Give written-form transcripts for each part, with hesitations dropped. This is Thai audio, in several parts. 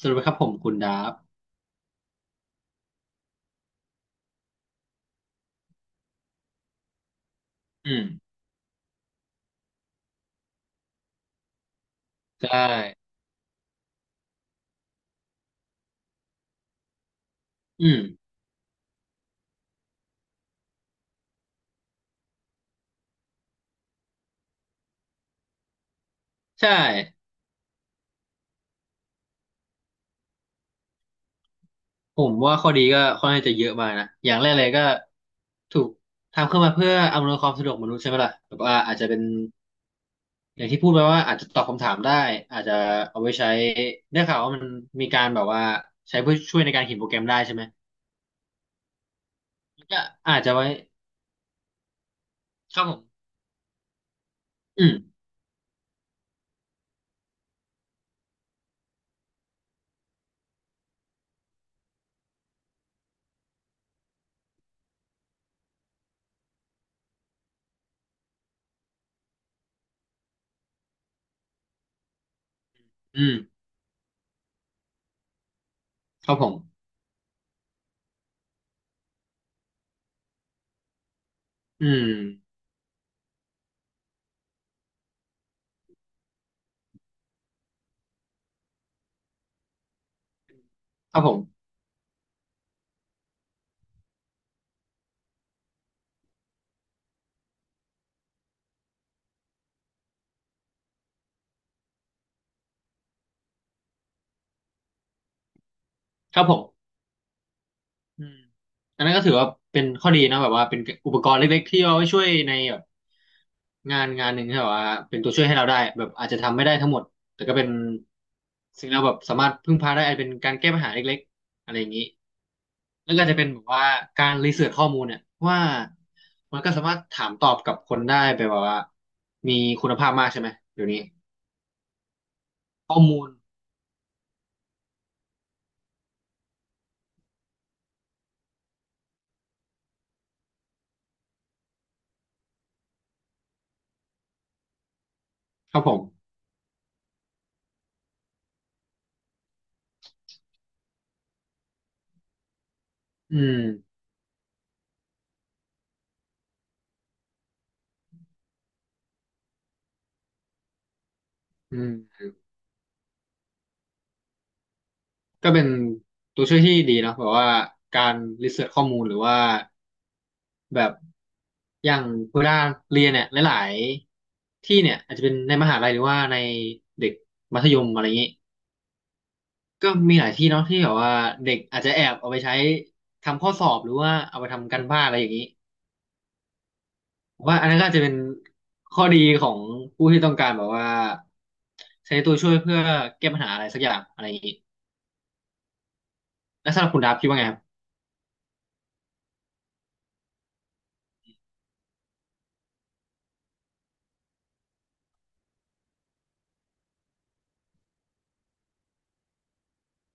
สวัสดีครับผมคุณดาฟอืมใช่อืมใช่ผมว่าข้อดีก็ค่อนข้างจะเยอะมากนะอย่างแรกเลยก็ถูกทำขึ้นมาเพื่ออำนวยความสะดวกมนุษย์ใช่ไหมล่ะแบบว่าอาจจะเป็นอย่างที่พูดไปว่าอาจจะตอบคำถามได้อาจจะเอาไว้ใช้ได้ข่าวว่ามันมีการแบบว่าใช้เพื่อช่วยในการเขียนโปรแกรมได้ใช่ไหมก็อาจจะไว้ครับผมอืมอืมครับผมอืมครับผมครับผม อืมอันนั้นก็ถือว่าเป็นข้อดีนะแบบว่าเป็นอุปกรณ์เล็กๆที่เอาไว้ช่วยในแบบงานหนึ่งที่แบบว่าเป็นตัวช่วยให้เราได้แบบอาจจะทำไม่ได้ทั้งหมดแต่ก็เป็นสิ่งเราแบบสามารถพึ่งพาได้อาจเป็นการแก้ปัญหาเล็กๆอะไรอย่างนี้แล้วก็จะเป็นแบบว่าการรีเสิร์ชข้อมูลเนี่ยว่ามันก็สามารถถามตอบกับคนได้แบบว่ามีคุณภาพมากใช่ไหมเดี๋ยวนี้ข้อมูลครับผมอืมอืม ก็เป็นตัวช่วยที่ดีเนาะแบบว่าการรีเสิร์ชข้อมูลหรือว่าแบบอย่างเวลาเรียนเนี่ยหลายๆที่เนี่ยอาจจะเป็นในมหาลัยหรือว่าในเด็กมัธยมอะไรอย่างนี้ก็มีหลายที่เนาะที่แบบว่าเด็กอาจจะแอบเอาไปใช้ทำข้อสอบหรือว่าเอาไปทำการบ้านอะไรอย่างนี้ผมว่าอันนั้นก็อาจจะเป็นข้อดีของผู้ที่ต้องการแบบว่าใช้ตัวช่วยเพื่อแก้ปัญหาอะไรสักอย่างอะไรอย่างนี้แล้วสำหรับคุณดับคิดว่าไงครับ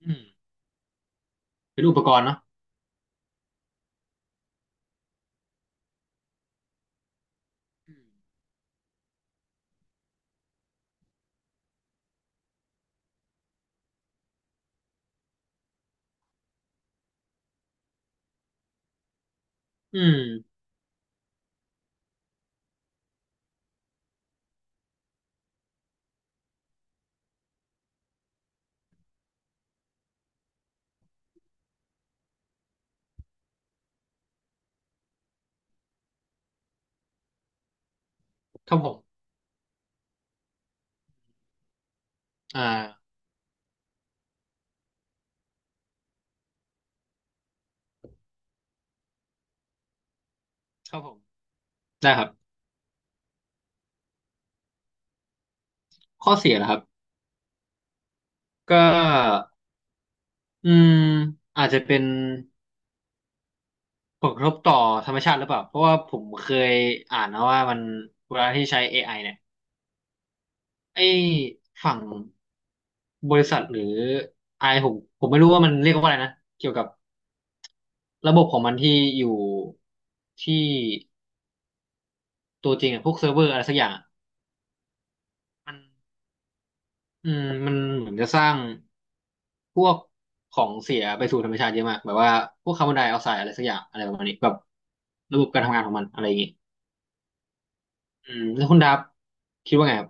อืมเป็นอุปกรณ์เนาะอืมอืม ครับผมอ่าครับผมได้ครับข้อเสียนะครับก็อืมอาจจะเป็นผลกระทบต่อธรรมชาติหรือเปล่า เพราะว่าผมเคยอ่านนะว่ามันเวลาที่ใช้ AI เนี่ยไอ้ฝั่งบริษัทหรือไอผมผมไม่รู้ว่ามันเรียกว่าอะไรนะ เกี่ยวกับระบบของมันที่อยู่ที่ตัวจริงอะพวกเซิร์ฟเวอร์อะไรสักอย่างอะมัน อืมมันเหมือนจะสร้างพวกของเสียไปสู่ธรรมชาติเยอะมากแบบว่าพวกคาร์บอนไดออกไซด์อะไรสักอย่างอะไรประมาณนี้แบบระบบการทำงานของมันอะไรอย่างงี้อืมแล้วคุณดับคิดว่าไงครับ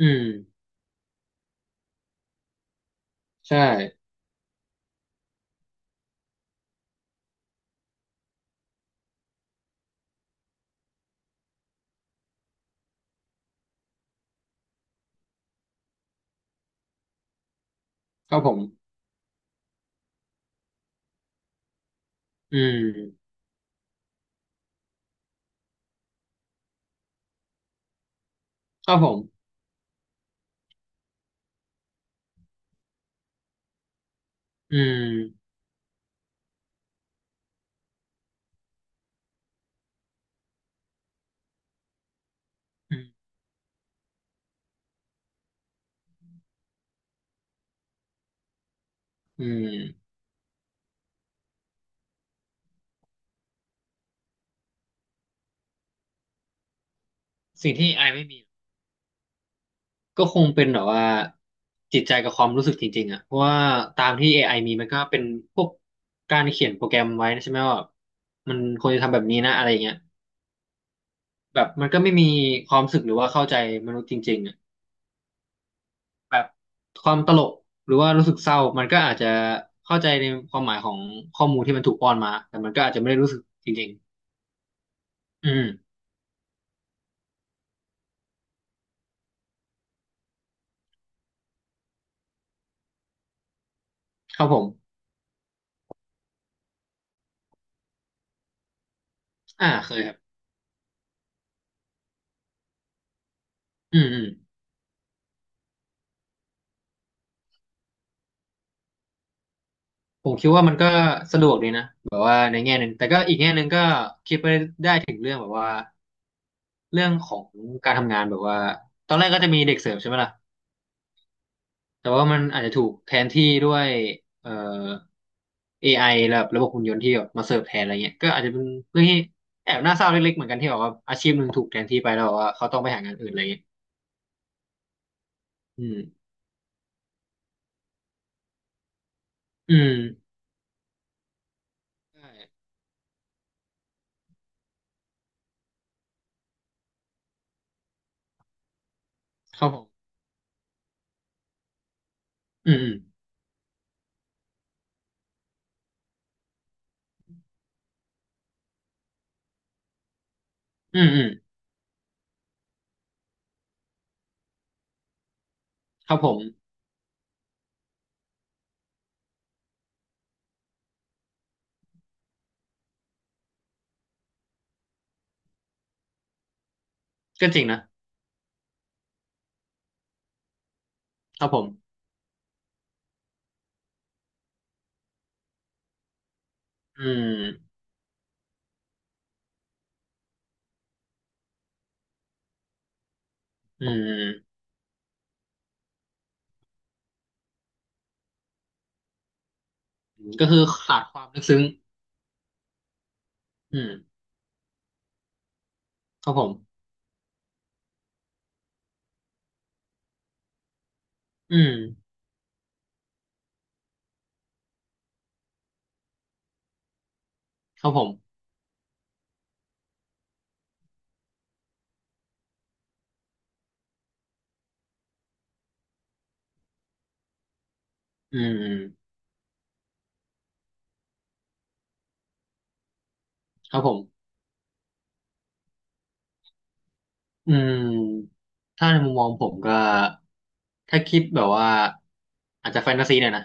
อืมใช่ครับผมอืมครับผมอืมอืมอืมสิ่งที่ไอไม่มีก็คงเป็นแบบว่าจิตใจกับความรู้สึกจริงๆอ่ะเพราะว่าตามที่ AI มีมันก็เป็นพวกการเขียนโปรแกรมไว้นะใช่ไหมว่ามันควรจะทำแบบนี้นะอะไรอย่างเงี้ย แบบมันก็ไม่มีความรู้สึกหรือว่าเข้าใจมนุษย์จริงๆอ่ะแบบความตลกหรือว่ารู้สึกเศร้ามันก็อาจจะเข้าใจในความหมายของข้อมูลที่มันถูกป้อนมาแต่มันก็อาจจะไม่ได้รู้สึกจริงๆอืมครับผมอ่าเคยครับอืมอืมผมคิดว่ามันก็สะดวกดีนะแบบว่าในแง่หนึ่งแต่ก็อีกแง่หนึ่งก็คิดไปได้ถึงเรื่องแบบว่าเรื่องของการทำงานแบบว่าตอนแรกก็จะมีเด็กเสิร์ฟใช่ไหมล่ะ แต่ว่ามันอาจจะถูกแทนที่ด้วยเอ่อ AI แบบระบบหุ่นยนต์ที่แบบมาเสิร์ฟแทนอะไรเงี้ยก็อาจจะเป็นเรื่องที่แอบน่าเศร้าเล็กๆเหมือนกันที่แบบว่าอาชีพหนึ่งถูกแทนที่ไปแล้วแบบว่าเขาต้องไปหางานอื่นอะไรเงี้ยอืมอืมใช่ครับผมอืมอืมอืมอืมครับผมก็จริงนะครับผมอืมอืมก็คือขาดความลึกซึ้งอืมครับผมอืมครับผมอืมครับผม อืมถ้าในมุมมองผมก็ถ้าคิดแบบว่าอาจจะแฟนตาซีเนี่อยนะ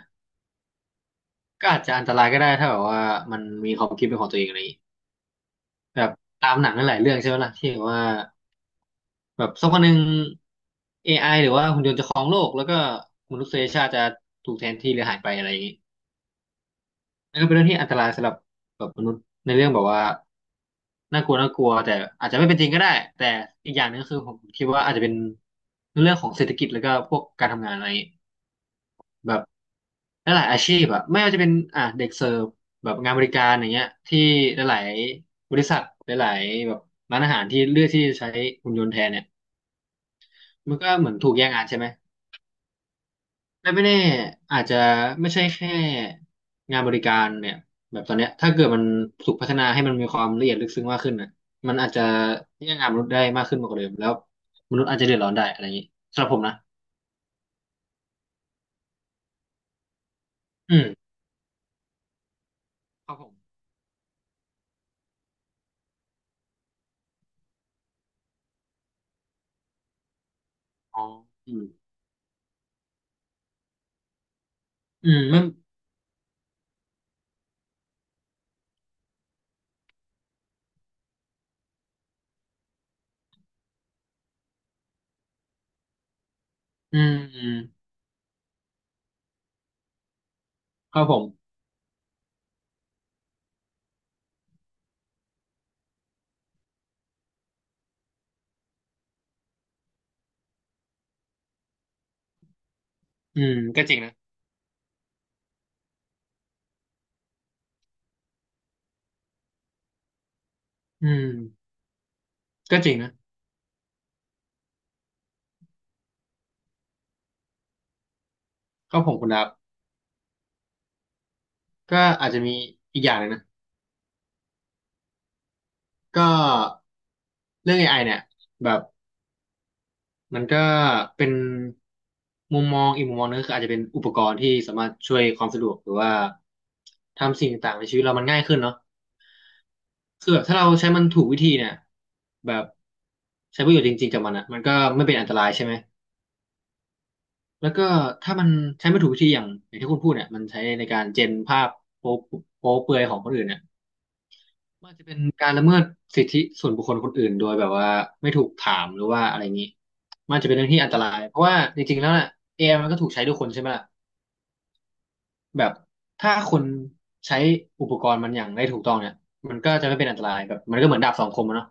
ก็อาจจะอันตรายก็ได้ถ้าแบบว่ามันมีความคิดเป็นของตัวเองอะไรอย่างงี้แบบตามหนังนั่นหลายเรื่องใช่ไหมล่ะที่แบบว่าแบบสักวันหนึ่ง a อไอหรือว่าหุ่นยนต์จะครองโลกแล้วก็มนุษยชาติจะถูกแทนที่หรือหายไปอะไรอย่างงี้นั่นก็เป็นเรื่องที่อันตรายสำหรับแบบมนุษย์ในเรื่องแบบว่าน่ากลัวแต่อาจจะไม่เป็นจริงก็ได้แต่อีกอย่างหนึงคือผมคิดว่าอาจจะเป็นเรื่องของเศรษฐกิจแล้วก็พวกการทำงานอะไร แบบหลายๆอาชีพอะไม่ว่าจะเป็นอ่ะเด็กเสิร์ฟแบบงานบริการอย่างเงี้ยที่หลายๆบริษัทหลายๆแบบร้านอาหารที่เลือกที่จะใช้หุ่นยนต์แทนเนี่ยมันก็เหมือนถูกแย่งงานใช่ไหมและไม่แน่อาจจะไม่ใช่แค่งานบริการเนี่ยแบบตอนเนี้ยถ้าเกิดมันถูกพัฒนาให้มันมีความละเอียดลึกซึ้งมากขึ้นนะมันอาจจะแย่งงานมนุษย์ได้มากขึ้นมากกว่าเดิมแล้วมนุษย์อาจจะเดือดร้อนได้อะไรอย่างนี้สำหรับผมนะอืมครับผมอ๋ออืมอืมมันอืมอืมครับผม อืมก็จริงนะอืมก็จริงนะก็ผมคุณดับก็อาจจะมีอีกอย่างหนึงนะก็เรื่อง AI เนี่ยแบบมันก็เป็นมุมมองอีกมุมมองนึงคืออาจจะเป็นอุปกรณ์ที่สามารถช่วยความสะดวกหรือว่าทำสิ่งต่างๆในชีวิตเรามันง่ายขึ้นเนาะคือแบบถ้าเราใช้มันถูกวิธีเนี่ยแบบใช้ประโยชน์จริงๆกับมันอ่ะมันก็ไม่เป็นอันตรายใช่ไหมแล้วก็ถ้ามันใช้ไม่ถูกวิธีอย่างที่คุณพูดเนี่ยมันใช้ในการเจนภาพโป๊ะโป๊ะเปลือยของคนอื่นเนี่ย มันอาจจะเป็นการละเมิดสิทธิส่วนบุคคลคนอื่นโดยแบบว่าไม่ถูกถามหรือว่าอะไรงนี้มันอาจจะเป็นเรื่องที่อันตรายเพราะว่าจริงๆแล้วน่ะ AI มันก็ถูกใช้ด้วยคนใช่ไหมล่ะแบบถ้าคนใช้อุปกรณ์มันอย่างได้ถูกต้องเนี่ยมันก็จะไม่เป็นอันตรายแบบมันก็เหมือนดาบสองคมอะเนาะ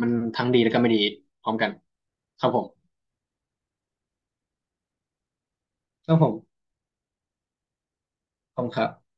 มันทั้งดีแล้วก็ไม่ดีพร้อมกันครับผมครับผมขอบคุณครับ